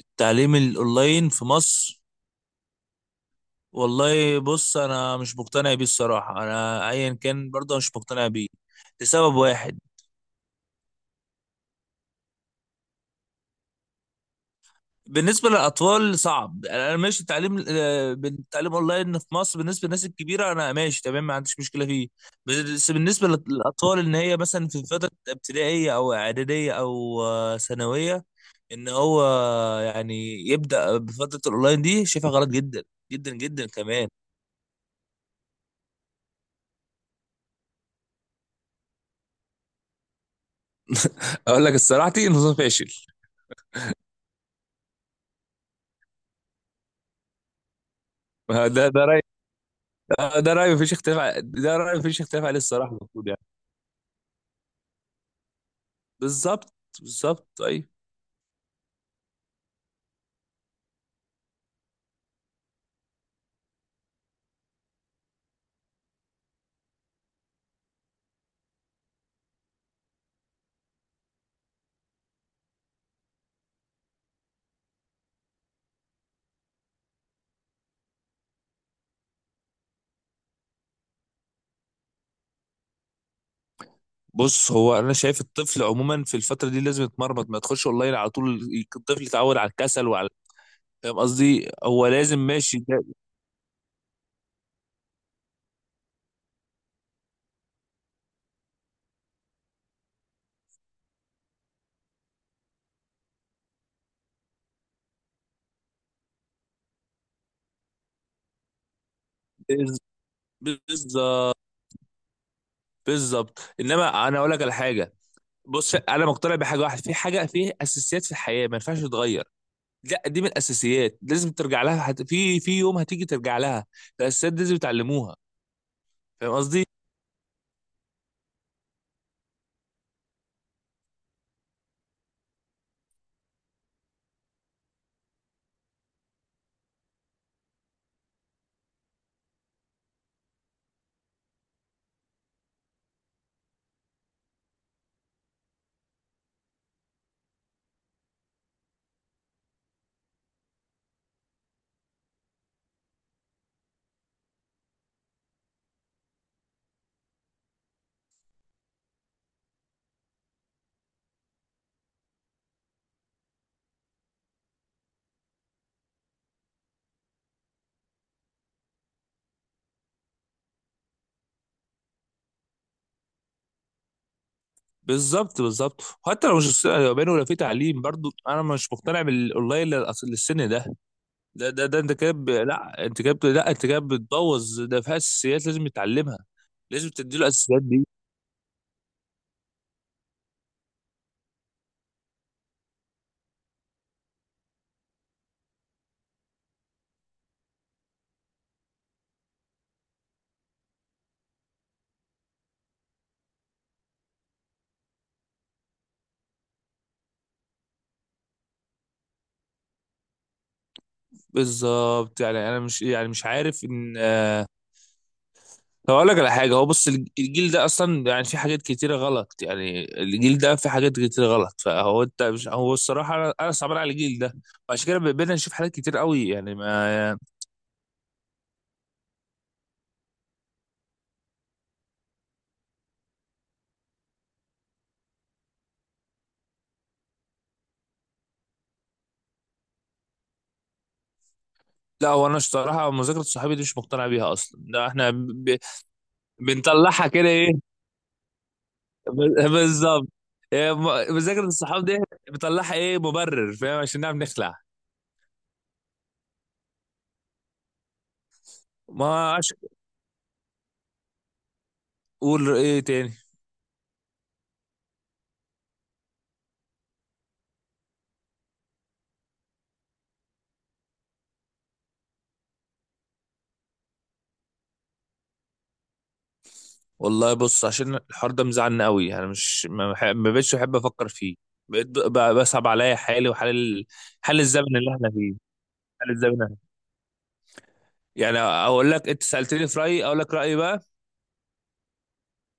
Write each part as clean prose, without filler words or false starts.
التعليم الاونلاين في مصر. والله، بص، انا مش مقتنع بيه الصراحه، انا ايا كان برضه مش مقتنع بيه لسبب واحد. بالنسبه للاطفال صعب. انا ماشي التعليم آه، بالتعليم اونلاين في مصر. بالنسبه للناس الكبيره انا ماشي تمام، ما عنديش مشكله فيه. بس بالنسبه للاطفال، ان هي مثلا في فتره ابتدائيه او اعداديه او ثانويه. ان هو، يعني، يبدا بفتره الاونلاين دي، شايفها غلط جدا، جدا جدا كمان. اقول لك الصراحه نظام فاشل. ده رأي، ده رأي مفيش اختلاف ده رأي مفيش اختلاف عليه، الصراحة المفروض يعني. بالظبط، بالظبط، أي. بص، هو أنا شايف الطفل عموما في الفترة دي لازم يتمرمط، ما تخش أونلاين على طول. الطفل يتعود على الكسل وعلى. فاهم قصدي، هو لازم ماشي بالظبط، بالظبط، إنما أنا أقول لك على حاجة. بص، أنا مقتنع بحاجة واحدة، في حاجة في أساسيات في الحياة ما ينفعش تتغير. لا، دي من الأساسيات لازم ترجع لها، في يوم هتيجي ترجع لها. الأساسيات دي لازم يتعلموها. فاهم قصدي؟ بالظبط، بالظبط. حتى لو مش، لو بينه ولا في تعليم، برضو انا مش مقتنع بالاونلاين أصل للسن ده. ده لا لا انت كده بتبوظ، ده فيها اساسيات لازم يتعلمها. لازم تديله الاساسيات دي. بالظبط يعني، انا مش، يعني مش عارف ان طب اقول لك على حاجه. هو بص الجيل ده اصلا، يعني في حاجات كتيره غلط، يعني الجيل ده في حاجات كتيره غلط. فهو انت مش هو الصراحه، انا صعبان على الجيل ده. وعشان كده بقينا نشوف حاجات كتير قوي يعني، ما. لا هو، انا الصراحه مذاكره صحابي دي مش مقتنع بيها اصلا، ده احنا بنطلعها كده، ايه؟ بالظبط. إيه، مذاكره الصحاب دي بنطلعها ايه؟ مبرر فاهم عشان نعرف نخلع. ما عشان. قول ايه تاني؟ والله، بص، عشان الحوار ده مزعلني قوي، انا مش ما بقتش بحب افكر فيه. بقيت بصعب عليا حالي وحال حال الزمن اللي احنا فيه. حال الزمن. يعني اقول لك، انت سالتني في رايي، اقول لك رايي بقى.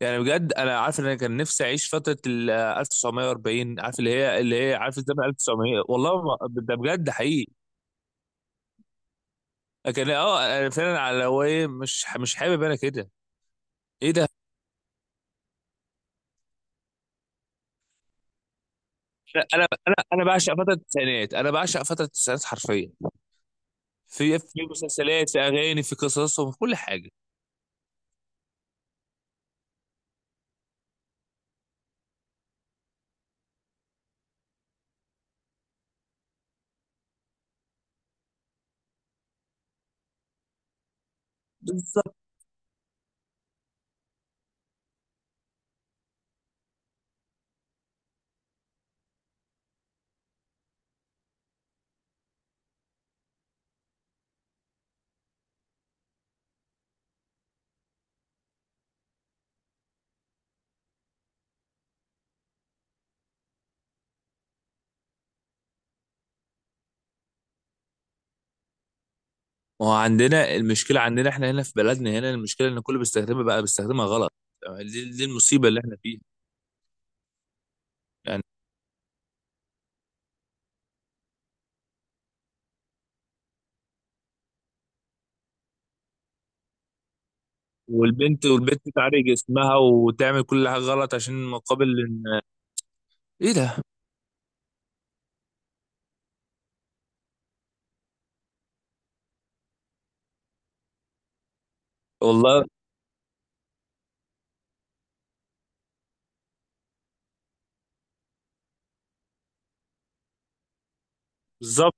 يعني بجد، انا عارف ان انا كان نفسي اعيش فتره ال 1940، عارف اللي هي عارف الزمن 1900، والله ما ده بجد حقيقي. لكن انا فعلا على، هو ايه، مش حابب انا كده. ايه ده؟ انا انا انا أنا بعشق فتره التسعينات، انا بعشق فتره التسعينات حرفيا. في مسلسلات، في اغاني، في قصصهم، في كل حاجه. ما هو عندنا المشكله، عندنا احنا هنا في بلدنا، هنا المشكله ان كله بيستخدمها بقى، بيستخدمها غلط. دي المصيبه اللي احنا فيها. يعني. والبنت تعري جسمها وتعمل كل حاجه غلط عشان مقابل ايه ده؟ والله. بالظبط.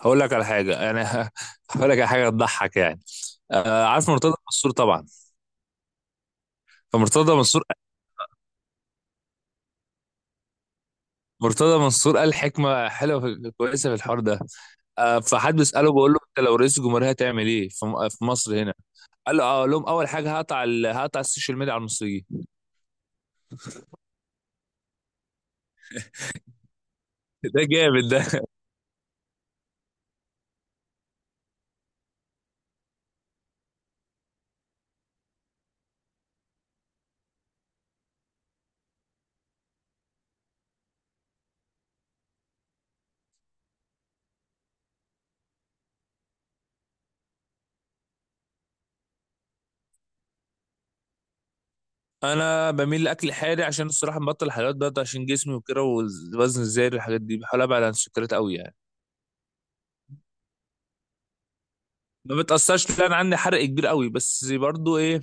هقول لك على حاجه يعني. هقول لك على حاجه تضحك يعني. عارف مرتضى منصور طبعا. فمرتضى منصور مرتضى منصور قال حكمه كويسه في الحوار ده. فحد بيساله بيقول له، انت لو رئيس الجمهوريه هتعمل ايه في مصر هنا؟ قال له، اه، أقول لهم اول حاجه هقطع السوشيال ميديا على المصريين. ده جامد. انا بميل لاكل حادق عشان الصراحه مبطل الحلويات بقى، عشان جسمي وكده، والوزن الزايد الحاجات دي بحاول ابعد عن السكريات قوي يعني. ما بتاثرش، لا، انا عندي حرق كبير قوي، بس برضو ايه؟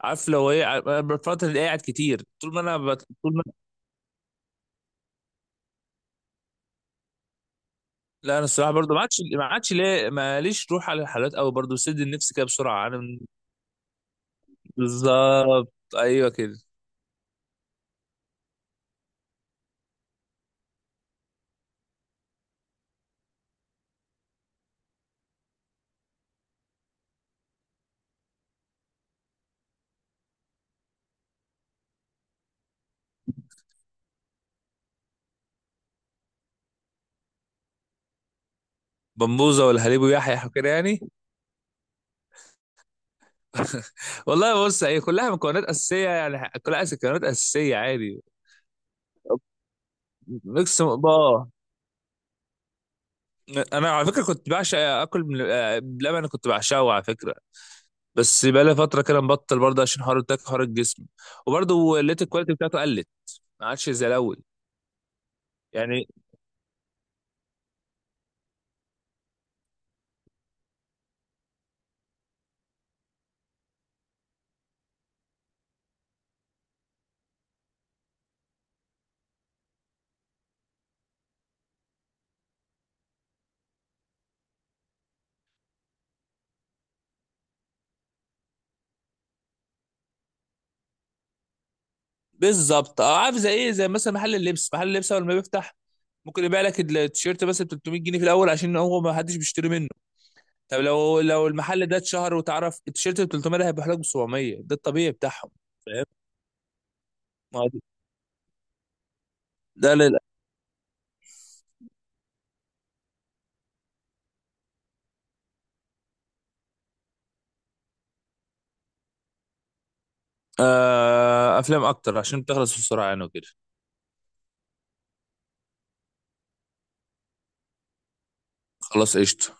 عارف لو ايه أنا بفترة اللي قاعد كتير، طول ما. لا، انا الصراحه برضو، ما عادش ليه، ماليش روح على الحلويات قوي، برضو بسد النفس كده بسرعه، انا بالظبط، ايوه كده. بمبوزه والهليب ويحيح وكده يعني. والله، بص، هي كلها مكونات اساسيه، يعني كلها مكونات اساسيه عادي. ميكس بقى. انا على فكره كنت بعشق اكل من بلبن. أنا كنت بعشقه على فكره، بس بقالي فتره كده مبطل برضه عشان حوار التاك، حوار الجسم. وبرضه لقيت الكواليتي بتاعته قلت، ما عادش زي الاول. يعني. بالظبط، عارف زي ايه؟ زي مثلا محل اللبس اول ما بيفتح ممكن يبيع لك التيشيرت بس ب 300 جنيه في الاول، عشان هو ما حدش بيشتري منه. طب لو المحل ده اتشهر وتعرف، التيشيرت ب 300 ده هيبقى لك ب 700، ده الطبيعي بتاعهم. فاهم؟ ما هو ده افلام اكتر عشان بتخلص بسرعه يعني وكده. خلاص قشطه.